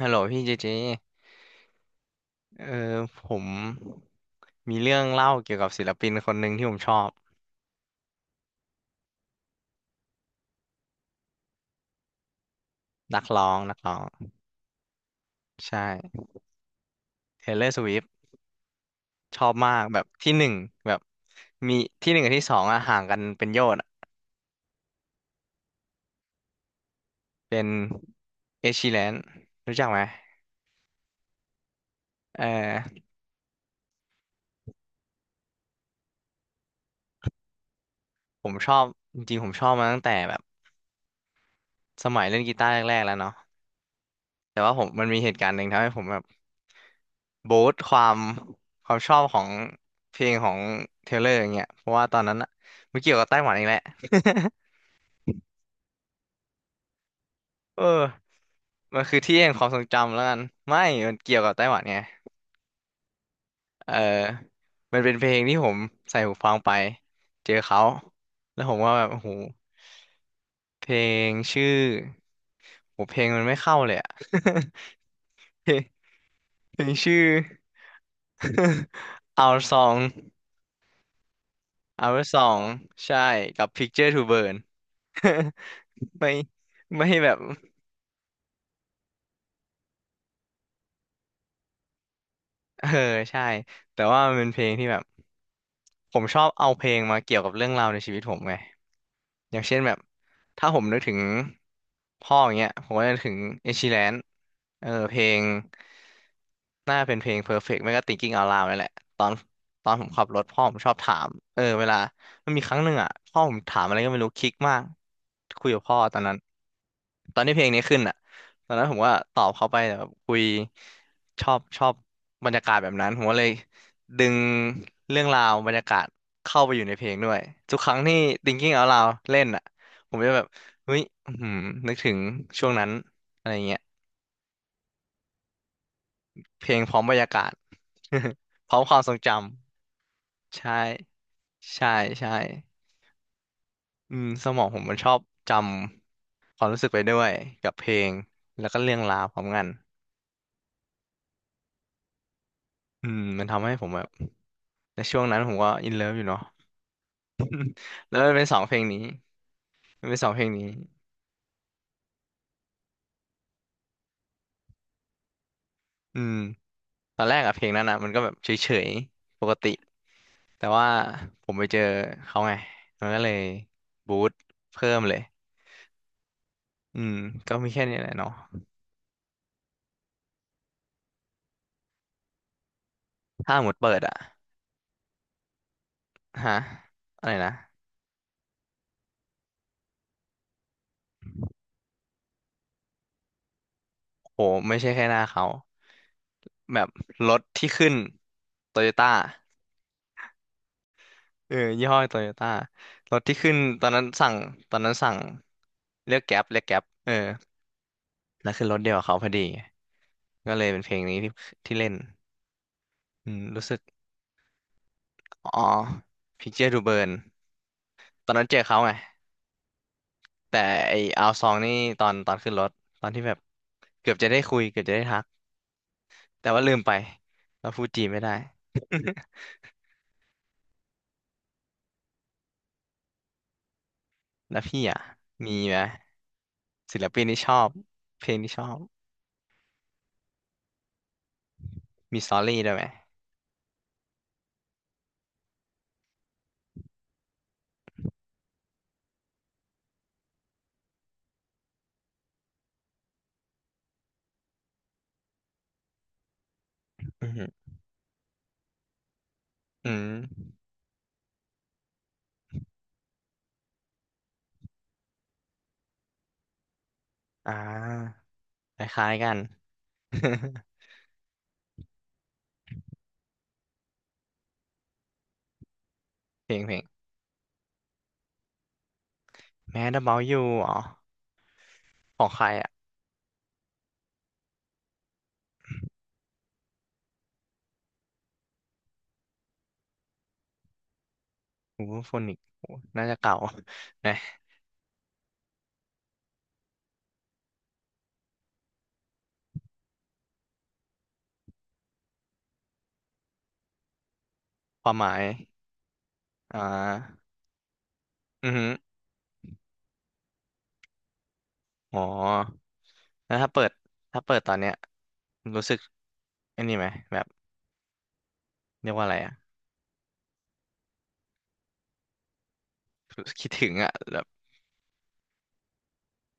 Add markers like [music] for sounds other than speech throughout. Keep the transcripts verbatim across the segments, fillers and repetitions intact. ฮัลโหลพี่เจเจเออผมมีเรื่องเล่าเกี่ยวกับศิลปินคนหนึ่งที่ผมชอบนักร้องนักร้องใช่ Taylor Swift ชอบมากแบบที่หนึ่งแบบมีที่หนึ่งกับที่สองอะห่างกันเป็นโยชน์อะเป็น Ed Sheeran รู้จักไหมเออผมชอบจริงๆผมชอบมาตั้งแต่แบบสมัยเล่นกีตาร์แรกๆแล้วเนาะแต่ว่าผมมันมีเหตุการณ์หนึ่งทำให้ผมแบบ บูสต์ความความชอบของเพลงของเทเลอร์อย่างเงี้ยเพราะว่าตอนนั้นอะมันเกี่ยวกับไต้หวันอีกแหละ [laughs] เออมันคือที่แห่งความทรงจำแล้วกันไม่มันเกี่ยวกับไต้หวันไงเออมันเป็นเพลงที่ผมใส่หูฟังไปเจอเขาแล้วผมว่าแบบโอ้โหเพลงชื่อโหเพลงมันไม่เข้าเลยอะ [laughs] เพลงเพลงชื่อ [laughs] Our Song Our Song ใช่กับ Picture to Burn [laughs] ไม่ไม่แบบเออใช่แต่ว่ามันเป็นเพลงที่แบบผมชอบเอาเพลงมาเกี่ยวกับเรื่องราวในชีวิตผมไง อย่างเช่นแบบถ้าผมนึกถึงพ่ออย่างเงี้ยผมก็จะนึกถึงเอชิแลนเออเพลงน่าเป็นเพลง Perfect ไม่ก็ Thinking Out Loud นั่นแหละตอนตอนผมขับรถพ่อผมชอบถามเออเวลามันมีครั้งหนึ่งอ่ะพ่อผมถามอะไรก็ไม่รู้คลิกมากคุยกับพ่อตอนนั้นตอนที่เพลงนี้ขึ้นอ่ะตอนนั้นผมก็ตอบเขาไปแต่แบบคุยชอบชอบบรรยากาศแบบนั้นผมก็เลย ดึงเรื่องราวบรรยากาศเข้าไปอยู่ในเพลงด้วยทุกครั้งที่ Thinking Out Loud เล่นอ่ะผมจะแบบเฮ้ยอื้อหือนึกถึงช่วงนั้นอะไรเงี้ยเพลงพร้อมบรรยากาศ [laughs] พร้อมความทรงจำใช่ใช่ใช่อืมสมองผมมันชอบจำความรู้สึกไปด้วยกับเพลงแล้วก็เรื่องราวพร้อมกันอืมมันทำให้ผมแบบในช่วงนั้นผมก็อินเลิฟอยู่เนาะแล้วมันเป็นสองเพลงนี้มันเป็นสองเพลงนี้อืม ตอนแรกอะเพลงนั้นอะมันก็แบบเฉยๆปกติแต่ว่าผมไปเจอเขาไงมันก็เลยบูสตเพิ่มเลยอืมก็มีแค่นี้แหละเนาะถ้าหมดเปิดอะฮะอะไรนะโหไม่ใช่แค่หน้าเขาแบบรถที่ขึ้นโตโยต้าเออยี่ห้อโตโยต้ารถที่ขึ้นตอนนั้นสั่งตอนนั้นสั่งเรียกแก๊ปเรียกแก๊ปเออแล้วขึ้นรถเดียวกับเขาพอดีก็เลยเป็นเพลงนี้ที่ที่เล่นอืมรู้สึกอ๋อ Picture to Burn ตอนนั้นเจอเขาไงแต่ไอเอาซองนี่ตอนตอนขึ้นรถตอนที่แบบเกือบจะได้คุยเกือบจะได้ทักแต่ว่าลืมไปเราพูดจีนไม่ได้ [laughs] แล้วพี่อ่ะมีไหมศิลปินที่ชอบเพลงที่ชอบมีสตอรี่ด้วยไหมอือหืออืมอ่าคล้ายๆกัน [laughs] เพลงเพลง Mad About You อ๋อของใครอ่ะโอ้โฟนิกน่าจะเก่า [laughs] นะความหมายอ่าอือหืออ๋อ แล้วถ้าเปิดถ้าเปิดตอนเนี้ยรู้สึกอันนี้ไหมแบบเรียกว่าอะไรอ่ะคิดถึงอ่ะแบบ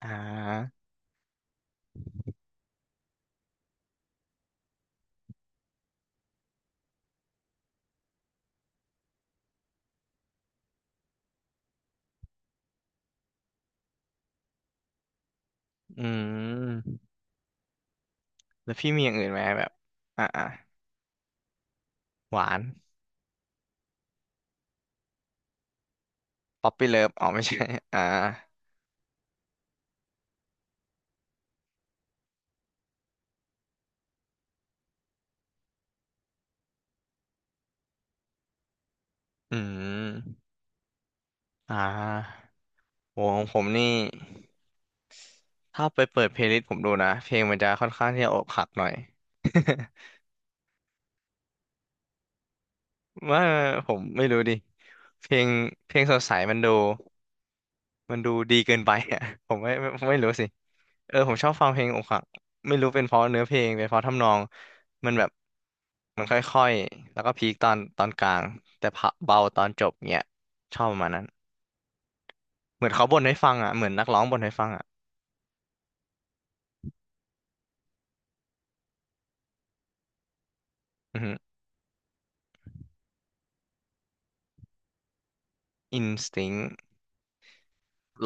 อ่าอืมแล้วพี่มีอย่างอื่นไหมแบบอ่าอ่าหวานป๊อปปี้เลิฟอ๋อไม่ใช่ [laughs] อ่าอืมอ่าโหของผมนี่ถ้าไปเปิดเพลย์ลิสต์ผมดูนะเพลงมันจะค่อนข้างที่จะอกหักหน่อย [laughs] ว่าผมไม่รู้ดิเพลงเพลงสดใสมันดูมันดูดีเกินไปอ่ะ [laughs] ผมไม่ไม่ไม่รู้สิ เออผมชอบฟังเพลงอกหักไม่รู้เป็นเพราะเนื้อเพลงเป็นเพราะทำนองมันแบบมันค่อยๆแล้วก็พีคตอนตอนกลางแต่พะเบาตอนจบเงี้ยชอบประมาณนั้นเหมือนเขาบ่นให้ฟังอ่ะเหมือนนักร้องบ่นให้ฟังอ่ะอือฮึ n ิ t สต c ้ง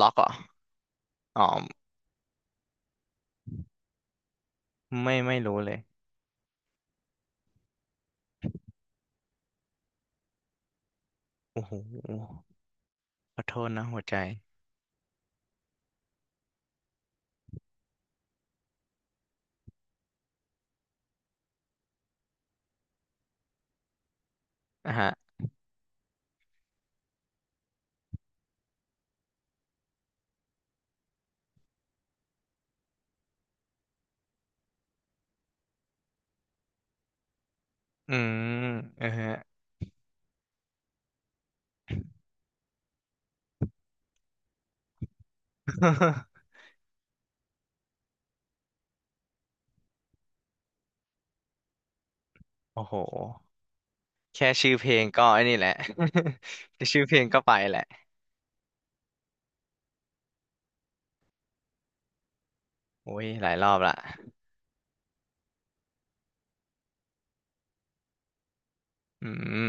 ล็อกเหรอ่ะอ๋อไม่ไม่รู้เลยโอ้โหขอโทษนะหัวใจอ่ะฮะอืมเออฮะ [laughs] โอ้โหแค่ชื่อเพลงก็ไอ้นี่แหละ [laughs] แค่ชื่อเพลงก็ไปแหละโอ้ยหลายรอบละอืม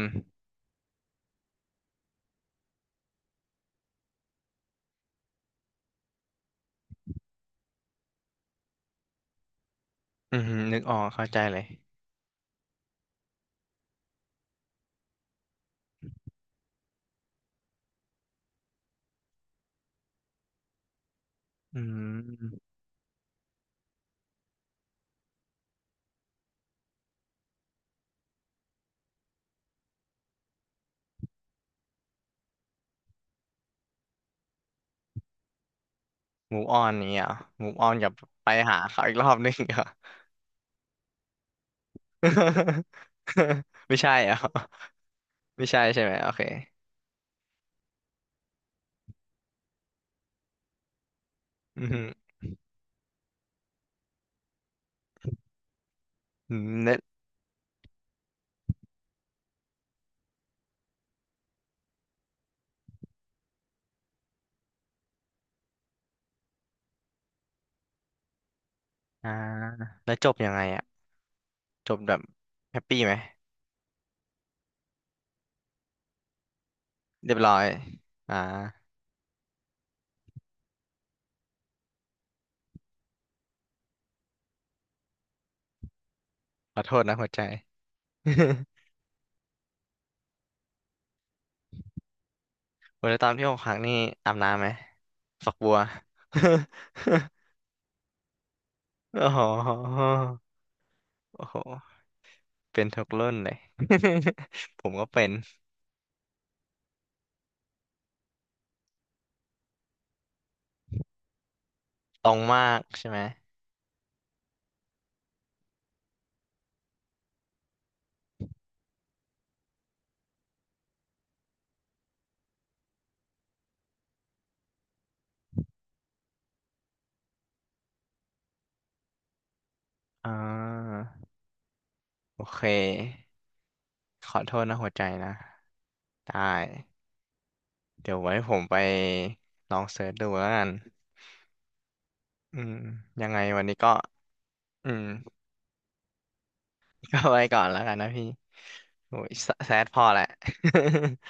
อือหือนึกออกเข้าใจเลยอืมมูฟออนนี้อ่ะมูฟออนกับไปหาเขาอีกรอบนึงเหรอ [laughs] ไม่ใช่เหรอ่ะ [laughs] ไม่ใช่ใช่ไหมโอเคอือหืออืมแล้วอ่าแล้วจบยังไงอ่ะจบแบบแฮปปี้ไหมเรียบร้อยอ่าขอโทษนะหัวใจ [laughs] โอ้ยแล้วตอนที่อกหักนี่อาบน้ำไหมฝักบัว [laughs] โอ้โหโอ้โหเป็นทุกรุ่นเลย [laughs] ผมก็เป็น ตรงมากใช่ไหมอ่าโอเค ขอโทษนะหัวใจนะ ได้ เดี๋ยวไว้ผมไปลองเสิร์ชดูแล้วกันอืมยังไงวันนี้ก็อืม [laughs] ก็ไว้ก่อนแล้วกันนะพี่โอ้ยแซแซดพอแหละ [laughs]